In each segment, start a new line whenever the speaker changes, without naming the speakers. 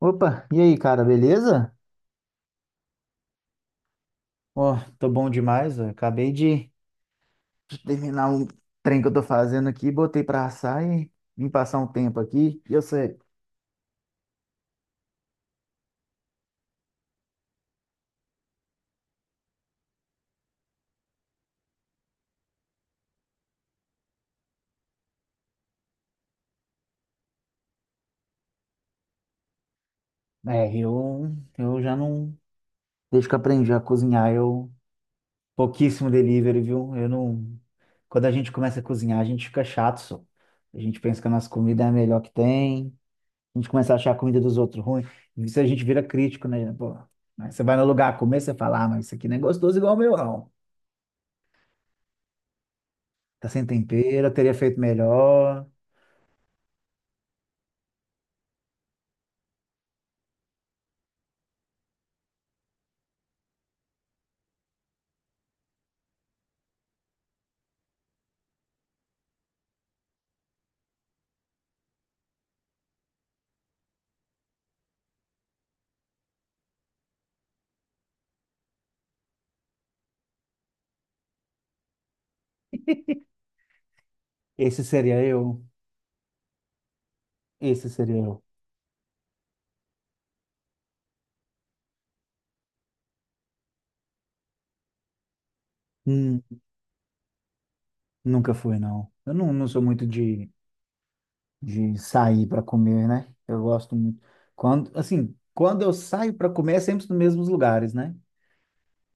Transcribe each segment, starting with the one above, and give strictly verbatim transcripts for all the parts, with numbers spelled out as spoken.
Opa, e aí, cara, beleza? Ó, tô bom demais, ó. Acabei de de terminar um trem que eu tô fazendo aqui, botei pra assar e vim passar um tempo aqui. E eu sei, é, eu, eu já não, desde que eu aprendi a cozinhar, eu, pouquíssimo delivery, viu? Eu não, quando a gente começa a cozinhar, a gente fica chato, só. A gente pensa que a nossa comida é a melhor que tem, a gente começa a achar a comida dos outros ruim, e isso a gente vira crítico, né? Pô, aí você vai no lugar comer, você fala, ah, mas isso aqui não é gostoso igual o meu, não. Tá sem tempero, teria feito melhor. Esse seria eu. Esse seria eu. Hum, nunca fui, não. Eu não, não sou muito de, de sair para comer, né? Eu gosto muito. Quando, assim, quando eu saio para comer, é sempre nos mesmos lugares, né?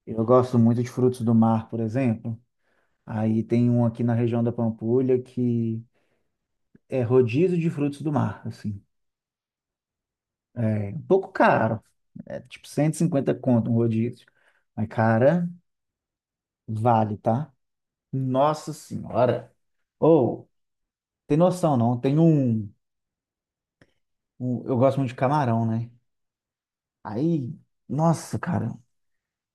Eu gosto muito de frutos do mar, por exemplo. Aí tem um aqui na região da Pampulha que é rodízio de frutos do mar, assim. É um pouco caro. É tipo cento e cinquenta conto um rodízio. Mas, cara, vale, tá? Nossa Senhora. Ou, tem noção, não? Tem um, um- Eu gosto muito de camarão, né? Aí, nossa, cara.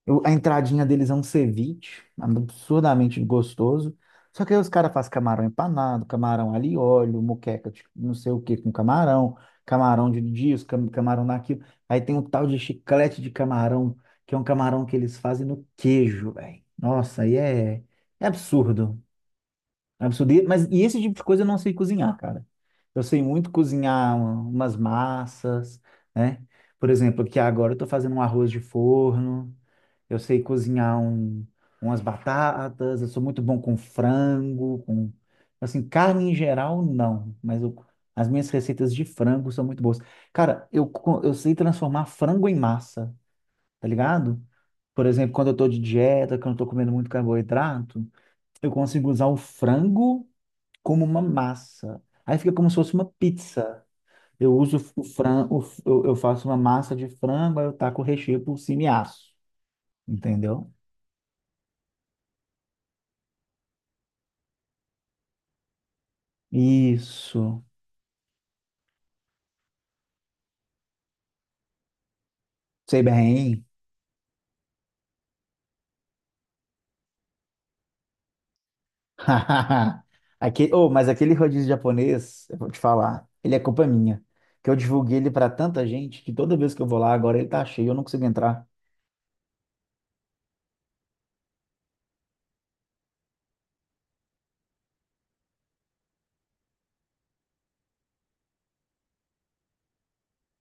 eu- a entradinha deles é um ceviche, absurdamente gostoso. Só que aí os caras fazem camarão empanado, camarão alho e óleo, moqueca de não sei o que com camarão, camarão de disco, cam- camarão daquilo. Aí tem um tal de chiclete de camarão, que é um camarão que eles fazem no queijo, velho. Nossa, aí é, é absurdo. Absurdo. E- Mas e esse tipo de coisa eu não sei cozinhar, cara. Eu sei muito cozinhar um- umas massas, né? Por exemplo, aqui agora eu tô fazendo um arroz de forno, eu sei cozinhar um, umas batatas, eu sou muito bom com frango, com... Assim, carne em geral, não. Mas eu- as minhas receitas de frango são muito boas. Cara, eu, co- eu sei transformar frango em massa, tá ligado? Por exemplo, quando eu tô de dieta, quando eu tô comendo muito carboidrato, eu consigo usar o frango como uma massa. Aí fica como se fosse uma pizza. Eu uso o frango, eu eu faço uma massa de frango, aí eu taco o recheio por cima e asso. Entendeu? Isso. Sei bem. Aquele, oh, mas aquele rodízio japonês, eu vou te falar, ele é culpa minha. Que eu divulguei ele para tanta gente que toda vez que eu vou lá agora ele tá cheio, eu não consigo entrar.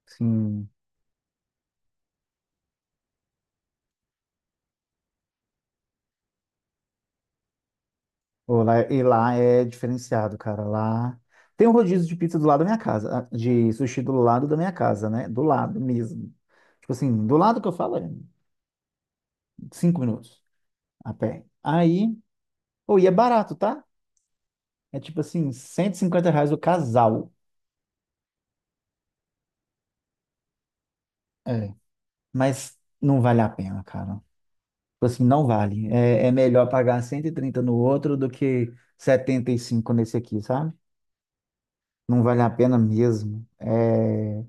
Sim. Ô, lá- é, E lá é diferenciado, cara. Lá tem um rodízio de pizza do lado da minha casa, ah, de sushi do lado da minha casa, né? Do lado mesmo. Tipo assim, do lado que eu falo é cinco minutos a pé. Aí, pô, e é barato, tá? É tipo assim, cento e cinquenta reais o casal. É. Mas não vale a pena, cara. Tipo assim, não vale. É, é melhor pagar cento e trinta no outro do que setenta e cinco nesse aqui, sabe? Não vale a pena mesmo. É.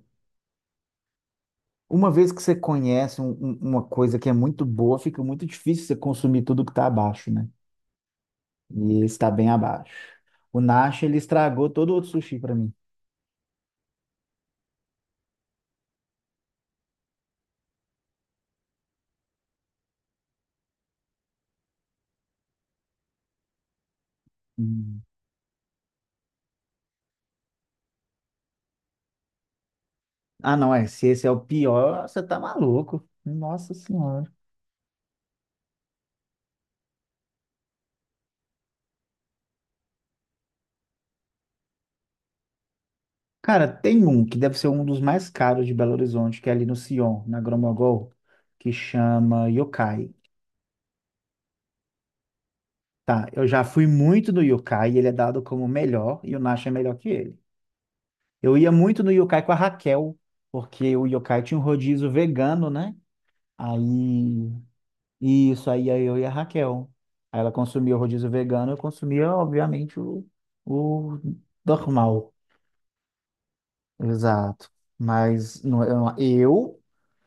Uma vez que você conhece um- um- uma coisa que é muito boa, fica muito difícil você consumir tudo que está abaixo, né? E está bem abaixo. O Nash, ele estragou todo o outro sushi para mim. Hum. Ah, não, é. Se esse é o pior, você tá maluco. Nossa Senhora. Cara, tem um que deve ser um dos mais caros de Belo Horizonte, que é ali no Sion, na Gromogol, que chama Yokai. Tá, eu já fui muito no Yokai, ele é dado como o melhor e o Nash é melhor que ele. Eu ia muito no yokai com a Raquel, porque o yokai tinha um rodízio vegano, né? Aí, isso, aí ia eu e a Raquel. Aí ela consumia o rodízio vegano, eu consumia, obviamente, o, o normal. Exato. Mas não- eu, eu,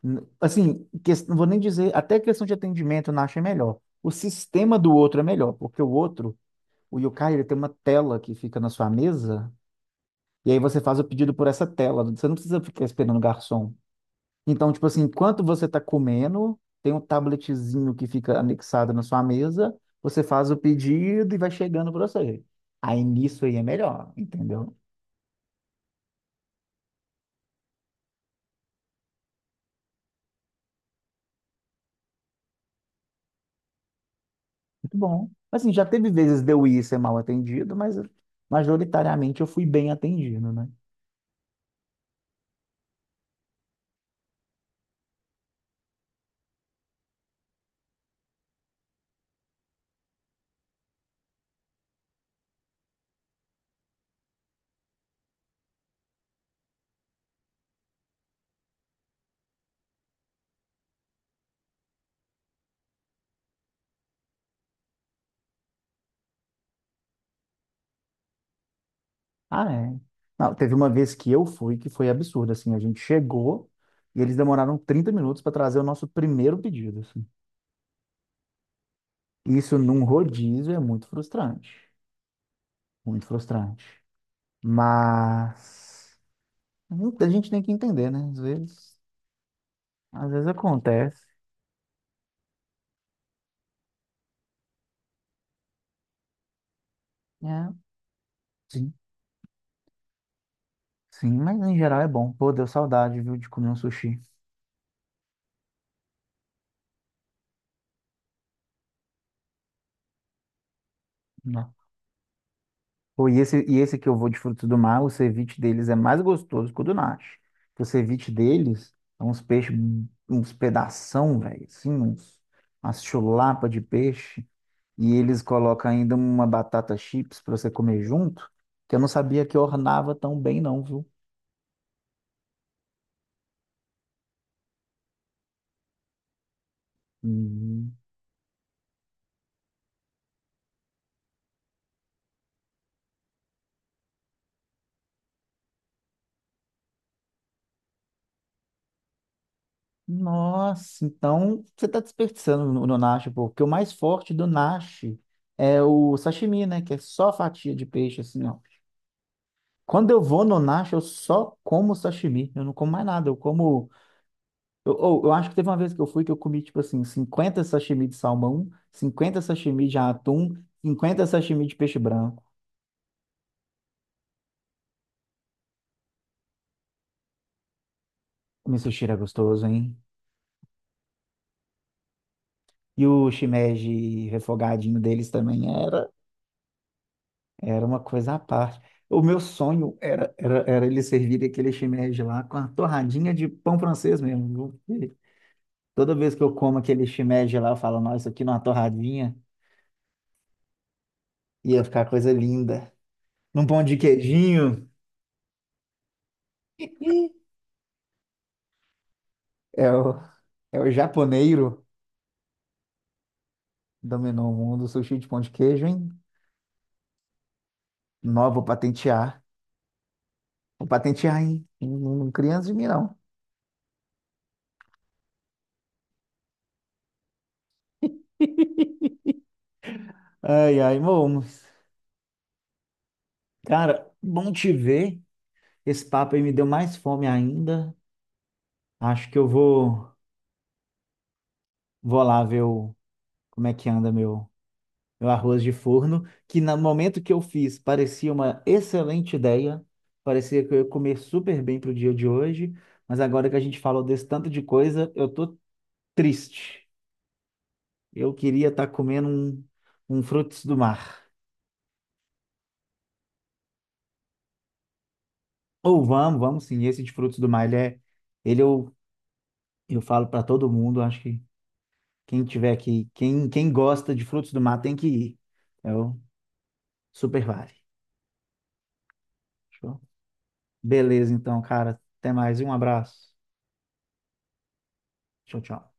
n- assim, ques- Não vou nem dizer, até questão de atendimento eu não achei melhor. O sistema do outro é melhor, porque o outro, o yokai, ele tem uma tela que fica na sua mesa, e aí você faz o pedido por essa tela, você não precisa ficar esperando o garçom. Então, tipo assim, enquanto você está comendo, tem um tabletzinho que fica anexado na sua mesa, você faz o pedido e vai chegando para você. Aí nisso aí é melhor, entendeu? Muito bom. Assim, já teve vezes de eu ir ser mal atendido, mas majoritariamente eu fui bem atendido, né? Ah, é. Não, teve uma vez que eu fui que foi absurdo, assim, a gente chegou e eles demoraram trinta minutos para trazer o nosso primeiro pedido, assim. Isso num rodízio é muito frustrante, muito frustrante. Mas hum, a gente tem que entender, né? Às vezes, às vezes acontece. É. Sim, sim, mas em geral é bom. Pô, deu saudade, viu, de comer um sushi. Não. Pô, e esse, e esse que eu vou de frutos do mar, o ceviche deles é mais gostoso que o do Nashi. O ceviche deles é uns peixes, uns pedação, velho, assim, uns, umas chulapa de peixe. E eles colocam ainda uma batata chips pra você comer junto, que eu não sabia que ornava tão bem, não, viu? Uhum. Nossa, então você está desperdiçando no, no nacho, pô, porque o mais forte do nacho é o sashimi, né? Que é só fatia de peixe, assim, ó. Quando eu vou no nacho, eu só como sashimi, eu não como mais nada, eu como... Eu, eu, eu acho que teve uma vez que eu fui que eu comi, tipo assim, cinquenta sashimi de salmão, cinquenta sashimi de atum, cinquenta sashimi de peixe branco. O meu sushi era gostoso, hein? E o shimeji refogadinho deles também era. Era uma coisa à parte. O meu sonho era, era, era eles servirem aquele shimeji lá com a torradinha de pão francês mesmo. Viu? Toda vez que eu como aquele shimeji lá, eu falo, nossa, isso aqui numa torradinha ia ficar coisa linda. Num pão de queijinho. É o, é o japoneiro dominou o mundo, sushi de pão de queijo, hein? Nó, vou patentear. Vou patentear, hein? Não, não criança de mim, não. Ai, ai, bom. Cara, bom te ver. Esse papo aí me deu mais fome ainda. Acho que eu vou, vou lá ver o, como é que anda meu, meu arroz de forno, que no momento que eu fiz parecia uma excelente ideia, parecia que eu ia comer super bem pro dia de hoje, mas agora que a gente falou desse tanto de coisa, eu tô triste. Eu queria estar comendo um, um frutos do mar. Ou vamos, vamos sim, esse de frutos do mar, ele é, ele eu, eu falo para todo mundo, acho que quem tiver aqui, quem, quem gosta de frutos do mar tem que ir. Eu super vale. Show? Beleza, então, cara. Até mais e um abraço. Tchau, tchau.